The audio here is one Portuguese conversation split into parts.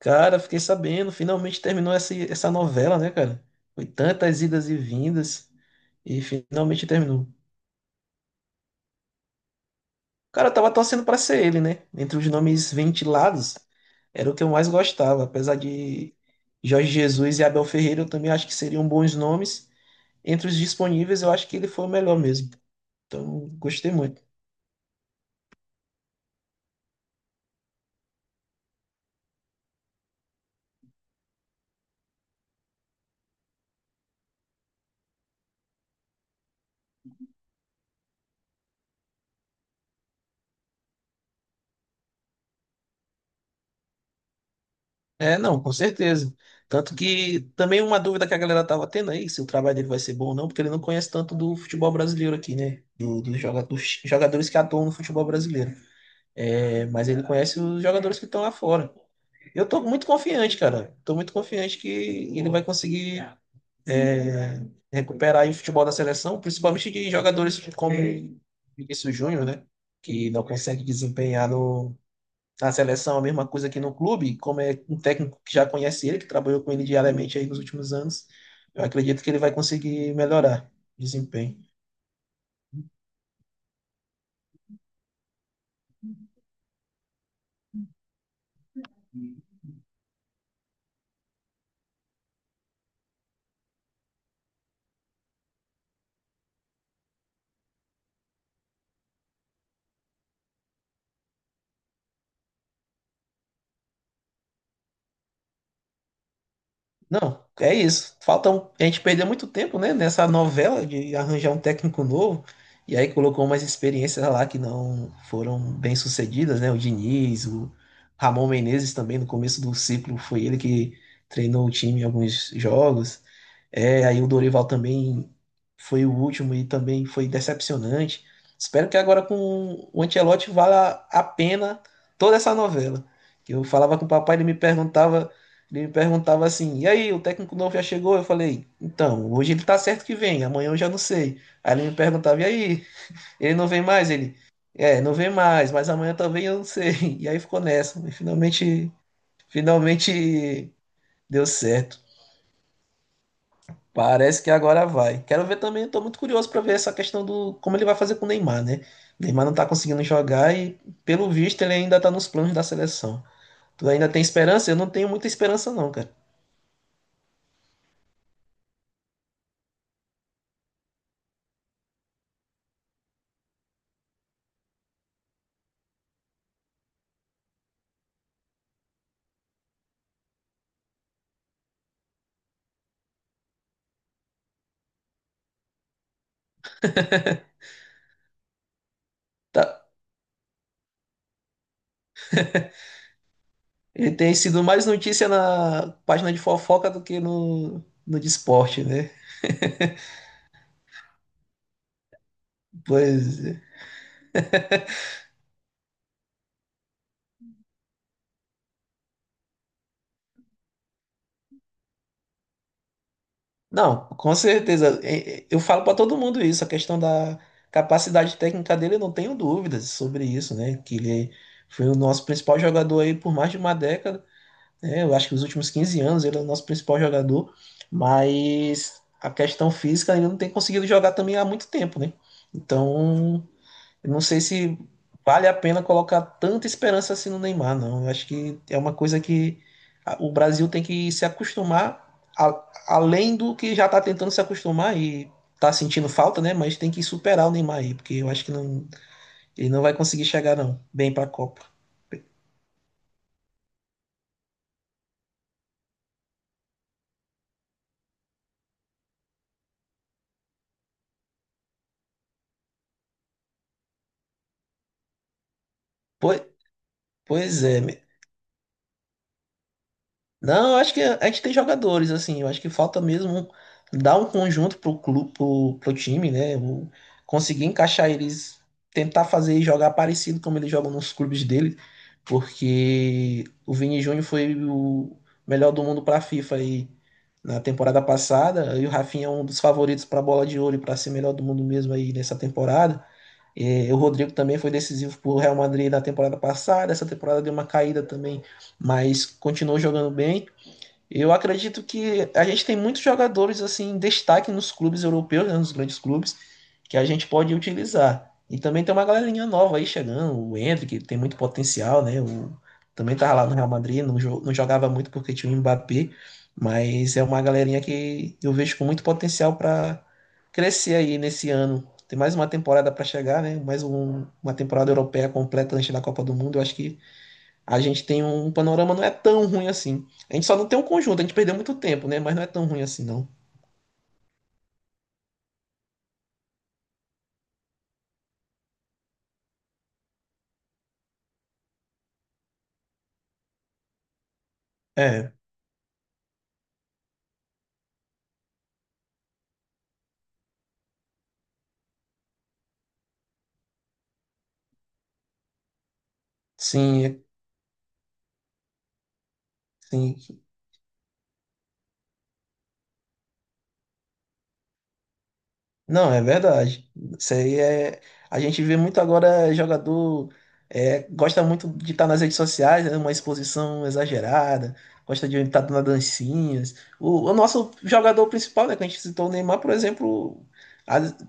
Cara, fiquei sabendo, finalmente terminou essa novela, né, cara? Foi tantas idas e vindas e finalmente terminou. Cara, eu tava torcendo pra ser ele, né? Entre os nomes ventilados, era o que eu mais gostava. Apesar de Jorge Jesus e Abel Ferreira, eu também acho que seriam bons nomes. Entre os disponíveis, eu acho que ele foi o melhor mesmo. Então, gostei muito. É, não, com certeza. Tanto que também uma dúvida que a galera tava tendo aí, se o trabalho dele vai ser bom ou não, porque ele não conhece tanto do futebol brasileiro aqui, né? Dos jogadores que atuam no futebol brasileiro. É, mas ele conhece os jogadores que estão lá fora. Eu tô muito confiante, cara. Tô muito confiante que ele vai conseguir é, recuperar aí o futebol da seleção, principalmente de jogadores como Vinícius Júnior, né? Que não consegue desempenhar no, na seleção, a mesma coisa que no clube, como é um técnico que já conhece ele, que trabalhou com ele diariamente aí nos últimos anos, eu acredito que ele vai conseguir melhorar o desempenho. Não, é isso. A gente perdeu muito tempo, né, nessa novela de arranjar um técnico novo. E aí colocou umas experiências lá que não foram bem sucedidas, né? O Diniz, o Ramon Menezes também no começo do ciclo foi ele que treinou o time em alguns jogos. É, aí o Dorival também foi o último e também foi decepcionante. Espero que agora com o Ancelotti valha a pena toda essa novela. Que eu falava com o papai, ele me perguntava assim: e aí, o técnico novo já chegou? Eu falei: então, hoje ele tá certo que vem, amanhã eu já não sei. Aí ele me perguntava: e aí, ele não vem mais? Ele: é, não vem mais, mas amanhã também eu não sei. E aí ficou nessa. Finalmente deu certo. Parece que agora vai. Quero ver também, estou muito curioso para ver essa questão do como ele vai fazer com o Neymar, né? O Neymar não está conseguindo jogar e, pelo visto, ele ainda está nos planos da seleção. Tu ainda tem esperança? Eu não tenho muita esperança, não, cara. Tá. Ele tem sido mais notícia na página de fofoca do que no de esporte, né? Pois, é. Não, com certeza. Eu falo para todo mundo isso, a questão da capacidade técnica dele, eu não tenho dúvidas sobre isso, né? Que ele foi o nosso principal jogador aí por mais de uma década, né? Eu acho que os últimos 15 anos ele é o nosso principal jogador, mas a questão física ele não tem conseguido jogar também há muito tempo, né? Então, eu não sei se vale a pena colocar tanta esperança assim no Neymar, não. Eu acho que é uma coisa que o Brasil tem que se acostumar, além do que já está tentando se acostumar e está sentindo falta, né? Mas tem que superar o Neymar aí, porque eu acho que não, ele não vai conseguir chegar, não, bem para a Copa. Pois, pois é, Não, eu acho que a gente tem jogadores, assim, eu acho que falta mesmo dar um conjunto pro clube, pro time, né? Conseguir encaixar eles, tentar fazer e jogar parecido como eles jogam nos clubes dele, porque o Vini Júnior foi o melhor do mundo pra FIFA aí na temporada passada, e o Rafinha é um dos favoritos pra Bola de Ouro e pra ser melhor do mundo mesmo aí nessa temporada. E o Rodrigo também foi decisivo pro Real Madrid na temporada passada, essa temporada deu uma caída também, mas continuou jogando bem. Eu acredito que a gente tem muitos jogadores assim em destaque nos clubes europeus, né, nos grandes clubes, que a gente pode utilizar. E também tem uma galerinha nova aí chegando, o Endrick, que tem muito potencial, né? Também tava lá no Real Madrid, não jogava muito porque tinha o Mbappé, mas é uma galerinha que eu vejo com muito potencial para crescer aí nesse ano. Tem mais uma temporada para chegar, né? Mais uma temporada europeia completa antes da Copa do Mundo. Eu acho que a gente tem um panorama não é tão ruim assim. A gente só não tem um conjunto, a gente perdeu muito tempo, né? Mas não é tão ruim assim, não. É, sim, é- sim. Não, é verdade. Isso aí é. A gente vê muito agora jogador gosta muito de estar nas redes sociais, é uma exposição exagerada, gosta de estar dando dancinhas. O nosso jogador principal, né, que a gente citou, o Neymar, por exemplo,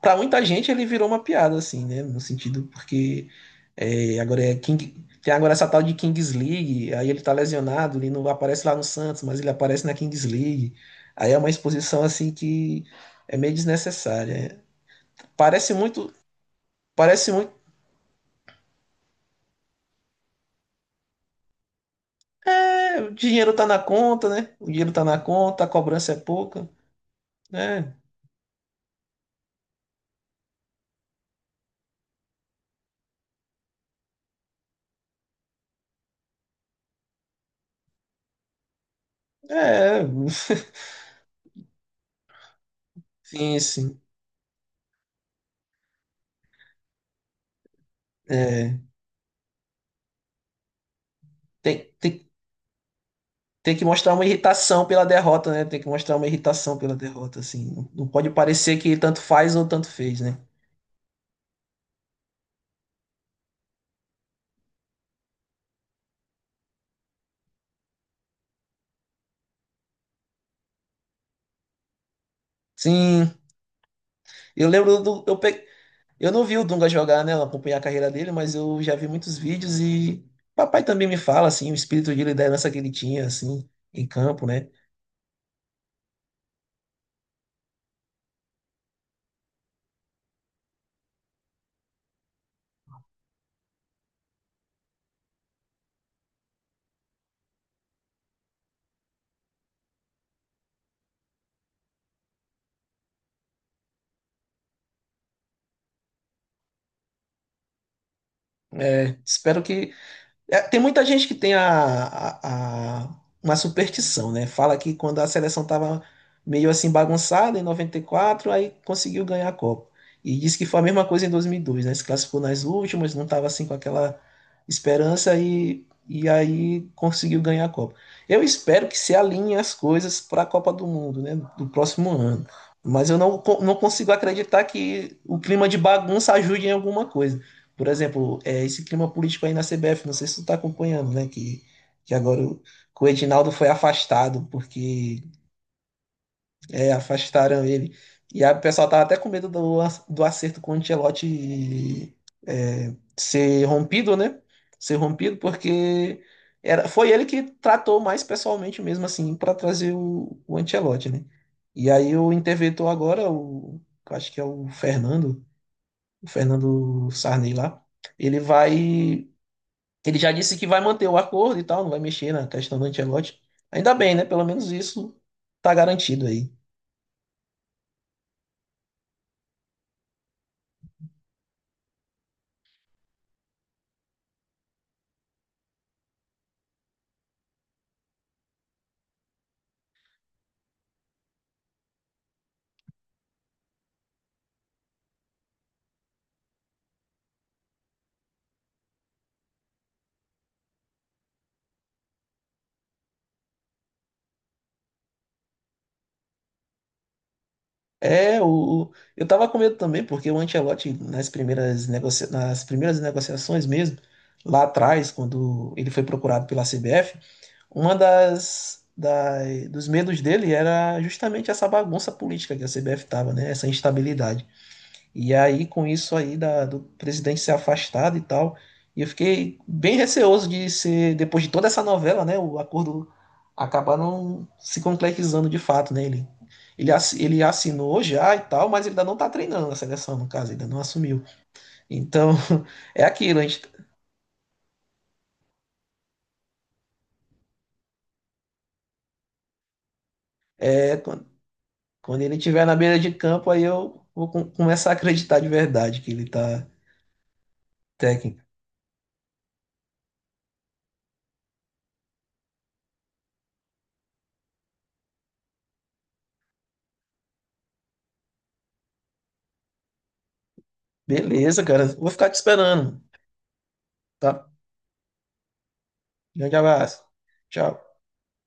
para muita gente ele virou uma piada, assim, né? No sentido porque agora é King. Tem agora essa tal de Kings League, aí ele tá lesionado, ele não aparece lá no Santos, mas ele aparece na Kings League. Aí é uma exposição assim que é meio desnecessária. Parece muito, parece muito. É, o dinheiro tá na conta, né? O dinheiro tá na conta, a cobrança é pouca. Né. É, sim, sim. É, tem, tem, Tem que mostrar uma irritação pela derrota, né? Tem que mostrar uma irritação pela derrota, assim. Não, não pode parecer que tanto faz ou tanto fez, né? Sim, eu lembro do. Eu, pe... Eu não vi o Dunga jogar, né? Acompanhar a carreira dele, mas eu já vi muitos vídeos e. Papai também me fala, assim, o espírito de liderança que ele tinha, assim, em campo, né? É, espero que... É, tem muita gente que tem a- a- uma superstição, né? Fala que quando a seleção estava meio assim bagunçada em 94, aí conseguiu ganhar a Copa. E diz que foi a mesma coisa em 2002, né? Se classificou nas últimas, não estava assim com aquela esperança e aí conseguiu ganhar a Copa. Eu espero que se alinhem as coisas para a Copa do Mundo, né? Do próximo ano. Mas eu não, co- não consigo acreditar que o clima de bagunça ajude em alguma coisa. Por exemplo, é esse clima político aí na CBF, não sei se tu tá acompanhando, né? Que o Edinaldo foi afastado, porque afastaram ele. E a o pessoal tava até com medo do acerto com o Ancelotti ser rompido, né? Ser rompido, porque foi ele que tratou mais pessoalmente mesmo, assim, para trazer o Ancelotti, né? E aí o interventor agora, eu acho que é o Fernando Sarney lá, ele vai ele já disse que vai manter o acordo e tal, não vai mexer na questão do Ancelotti. Ainda bem, né? Pelo menos isso tá garantido aí. Eu tava com medo também, porque o Ancelotti, nas primeiras negociações mesmo, lá atrás, quando ele foi procurado pela CBF, uma das, da- dos medos dele era justamente essa bagunça política que a CBF tava, né? Essa instabilidade. E aí, com isso aí do presidente ser afastado e tal, e eu fiquei bem receoso de ser, depois de toda essa novela, né, o acordo acabar não se concretizando de fato, né? Ele assinou já e tal, mas ele ainda não tá treinando a seleção, no caso, ainda não assumiu. Então, é aquilo, a gente, é, quando, quando ele estiver na beira de campo, aí eu vou começar a acreditar de verdade que ele tá técnico. Beleza, cara, vou ficar te esperando, tá? Grande abraço. Tchau.